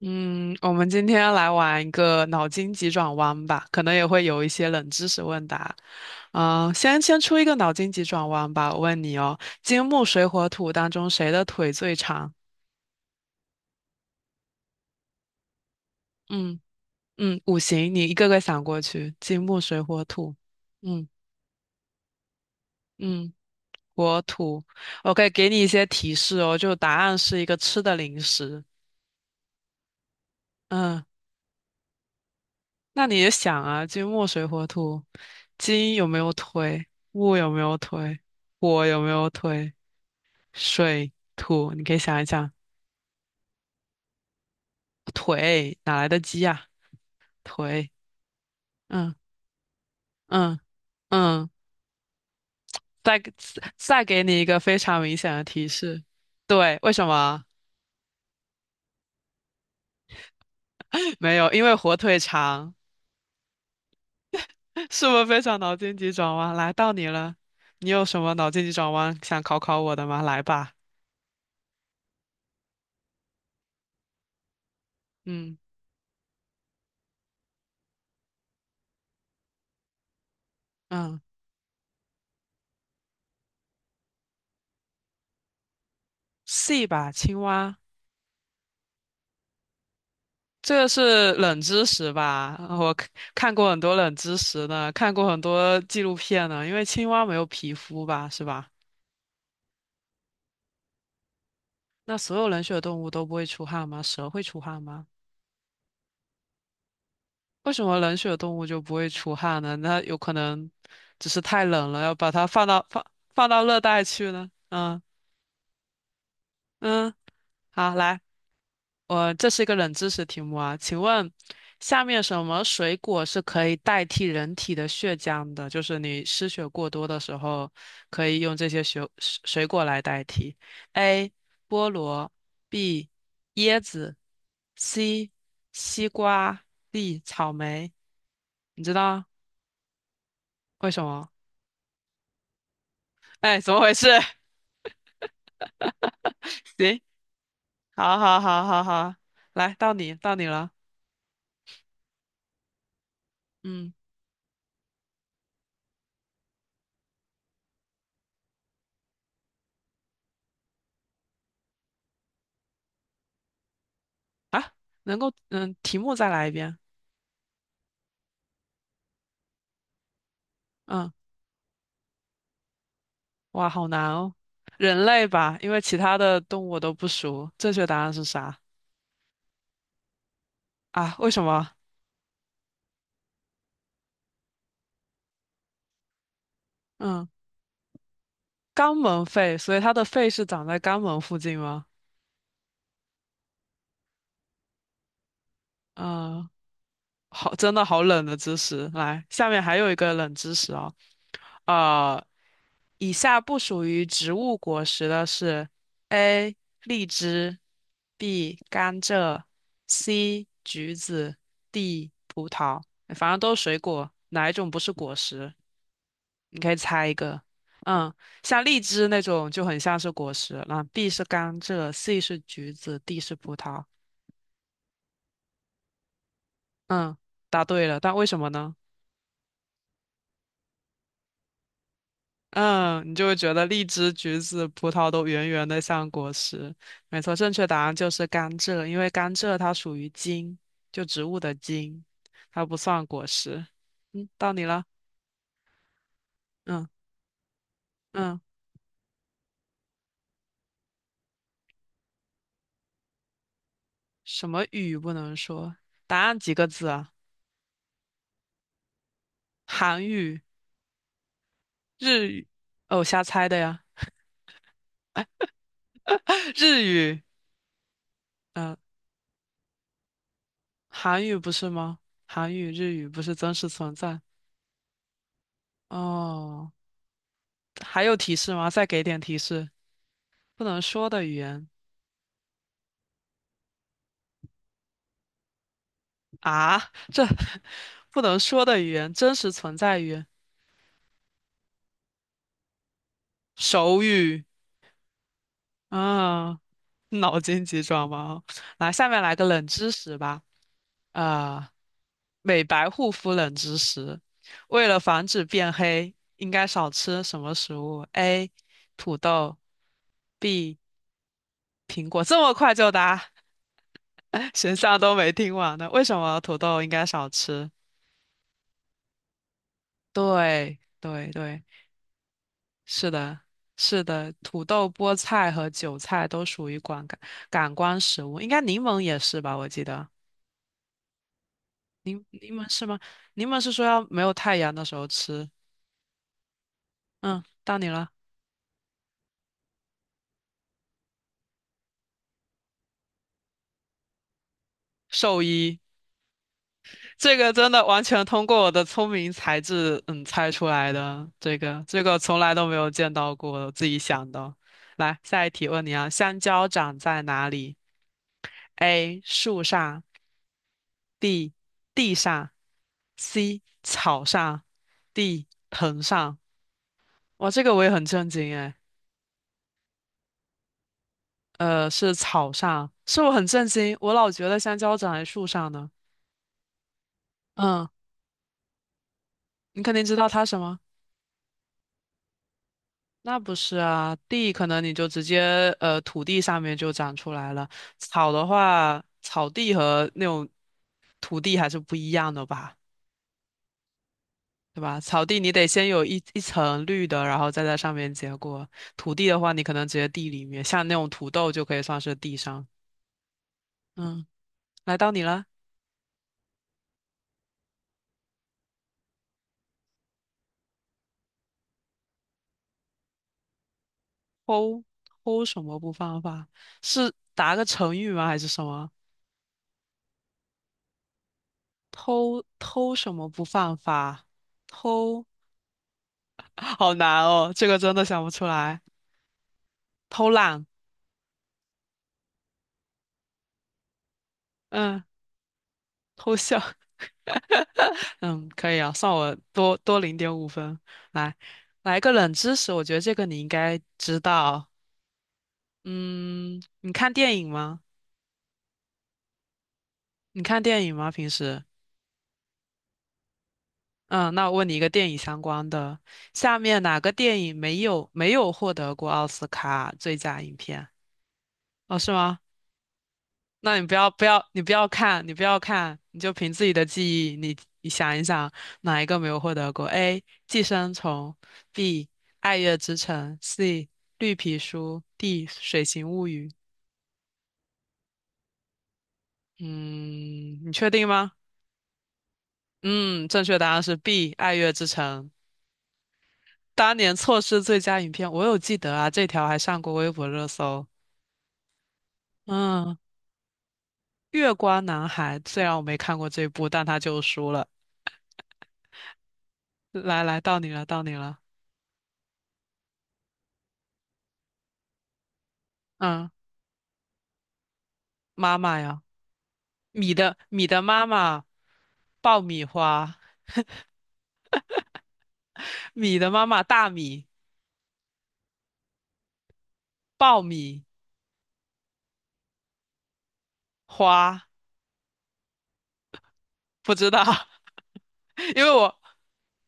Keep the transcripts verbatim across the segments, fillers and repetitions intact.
嗯，我们今天来玩一个脑筋急转弯吧，可能也会有一些冷知识问答。嗯、先先出一个脑筋急转弯吧，我问你哦，金木水火土当中谁的腿最长？嗯嗯，五行，你一个个想过去，金木水火土，嗯嗯，火土。OK，给你一些提示哦，就答案是一个吃的零食。嗯。那你也想啊，金木水火土，金有没有腿？木有没有腿？火有没有腿？水、土，你可以想一想，腿哪来的鸡呀、腿，嗯嗯嗯，再再给你一个非常明显的提示，对，为什么？没有，因为火腿肠，是不是非常脑筋急转弯？来到你了，你有什么脑筋急转弯想考考我的吗？来吧，嗯嗯，C 吧，青蛙。这个是冷知识吧？我看看过很多冷知识呢，看过很多纪录片呢。因为青蛙没有皮肤吧，是吧？那所有冷血动物都不会出汗吗？蛇会出汗吗？为什么冷血动物就不会出汗呢？那有可能只是太冷了，要把它放到放放到热带去呢？嗯嗯，好，来。我这是一个冷知识题目啊，请问下面什么水果是可以代替人体的血浆的？就是你失血过多的时候，可以用这些水水果来代替。A. 菠萝 B. 椰子 C. 西瓜 D. 草莓。你知道为什么？哎，怎么回事？行，好好好好好，来，到你到你了。嗯啊，能够嗯，题目再来一遍。嗯。哇，好难哦。人类吧，因为其他的动物我都不熟。正确答案是啥啊？为什么？嗯，肛门肺，所以它的肺是长在肛门附近吗？嗯，好，真的好冷的知识。来，下面还有一个冷知识哦。呃，以下不属于植物果实的是：A. 荔枝，B. 甘蔗，C. 橘子，D. 葡萄。哎反正都是水果，哪一种不是果实？你可以猜一个，嗯，像荔枝那种就很像是果实，那 B 是甘蔗，C 是橘子，D 是葡萄。嗯，答对了，但为什么呢？嗯，你就会觉得荔枝、橘子、葡萄都圆圆的像果实。没错，正确答案就是甘蔗，因为甘蔗它属于茎，就植物的茎，它不算果实。嗯，到你了。嗯嗯，什么语不能说？答案几个字啊？韩语、日语。哦，瞎猜的呀。日语，嗯、韩语不是吗？韩语、日语不是真实存在哦。还有提示吗？再给点提示。不能说的语言啊，这 不能说的语言，真实存在语言，手语啊，脑筋急转弯。来，下面来个冷知识吧。啊、美白护肤冷知识：为了防止变黑，应该少吃什么食物？A. 土豆。B. 苹果这么快就答，选项都没听完呢。为什么土豆应该少吃？对对对，是的，是的，土豆、菠菜和韭菜都属于感感感官食物，应该柠檬也是吧？我记得柠柠檬是吗？柠檬是说要没有太阳的时候吃。嗯，到你了，兽医。这个真的完全通过我的聪明才智，嗯，猜出来的。这个这个从来都没有见到过，我自己想的。来，下一题问你啊，香蕉长在哪里？A. 树上，B. 地上，C. 草上，D. 藤上。哇，这个我也很震惊哎，呃，是草上，是我很震惊，我老觉得香蕉长在树上呢。嗯，你肯定知道它什么？那不是啊，地可能你就直接呃土地上面就长出来了，草的话，草地和那种土地还是不一样的吧，对吧？草地你得先有一一层绿的，然后再在上面结果。土地的话，你可能直接地里面，像那种土豆就可以算是地上。嗯，来到你了，偷偷什么不犯法？是答个成语吗？还是什么？偷偷什么不犯法？偷，好难哦，这个真的想不出来。偷懒，嗯，偷笑，嗯，可以啊，算我多多零点五分。来，来个冷知识，我觉得这个你应该知道。嗯，你看电影吗？你看电影吗？平时？嗯，那我问你一个电影相关的，下面哪个电影没有没有获得过奥斯卡最佳影片？哦，是吗？那你不要不要，你不要看，你不要看，你就凭自己的记忆，你你想一想，哪一个没有获得过？A. 寄生虫，B. 爱乐之城，C. 绿皮书，D. 水形物语。嗯，你确定吗？嗯，正确答案是 B. 爱乐之城。当年错失最佳影片，我有记得啊，这条还上过微博热搜。嗯，月光男孩，虽然我没看过这部，但他就输了。来来，到你了，到你了。嗯，妈妈呀。米的米的妈妈，爆米花，米的妈妈大米，爆米花，不知道，因为我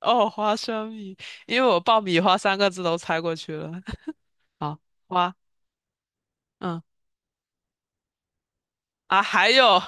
哦花生米，因为我爆米花三个字都猜过去了。好，花，嗯啊，还有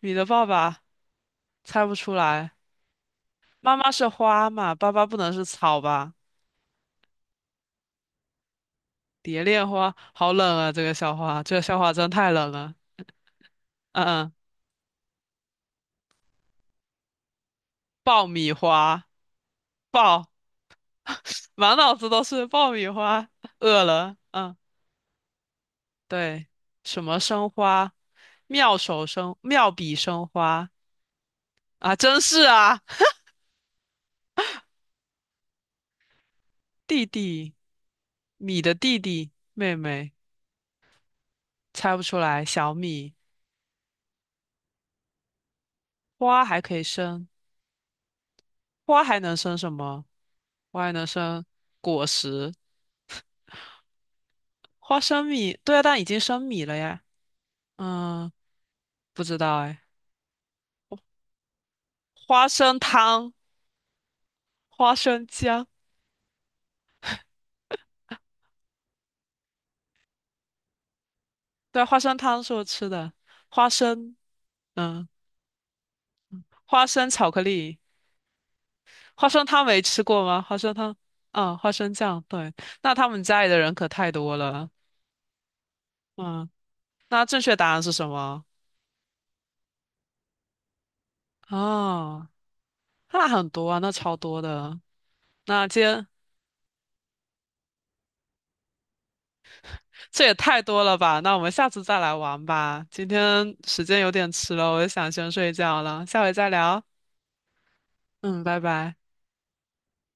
米的爸爸猜不出来，妈妈是花嘛，爸爸不能是草吧？蝶恋花，好冷啊，这个笑话，这个笑话真太冷了。嗯嗯，爆米花，爆。满脑子都是爆米花，饿了，嗯，对，什么生花，妙手生，妙笔生花啊，真是啊，弟弟，米的弟弟，妹妹，猜不出来，小米，花还可以生，花还能生什么？花还能生果实，花生米，对啊，但已经生米了呀，嗯，不知道哎，花生汤，花生酱，对啊，花生汤是我吃的，花生。嗯。花生巧克力，花生汤没吃过吗？花生汤，啊，花生酱，对，那他们家里的人可太多了，嗯，那正确答案是什么？哦，那很多啊，那超多的，那今天这也太多了吧？那我们下次再来玩吧，今天时间有点迟了，我想先睡觉了，下回再聊，嗯，拜拜。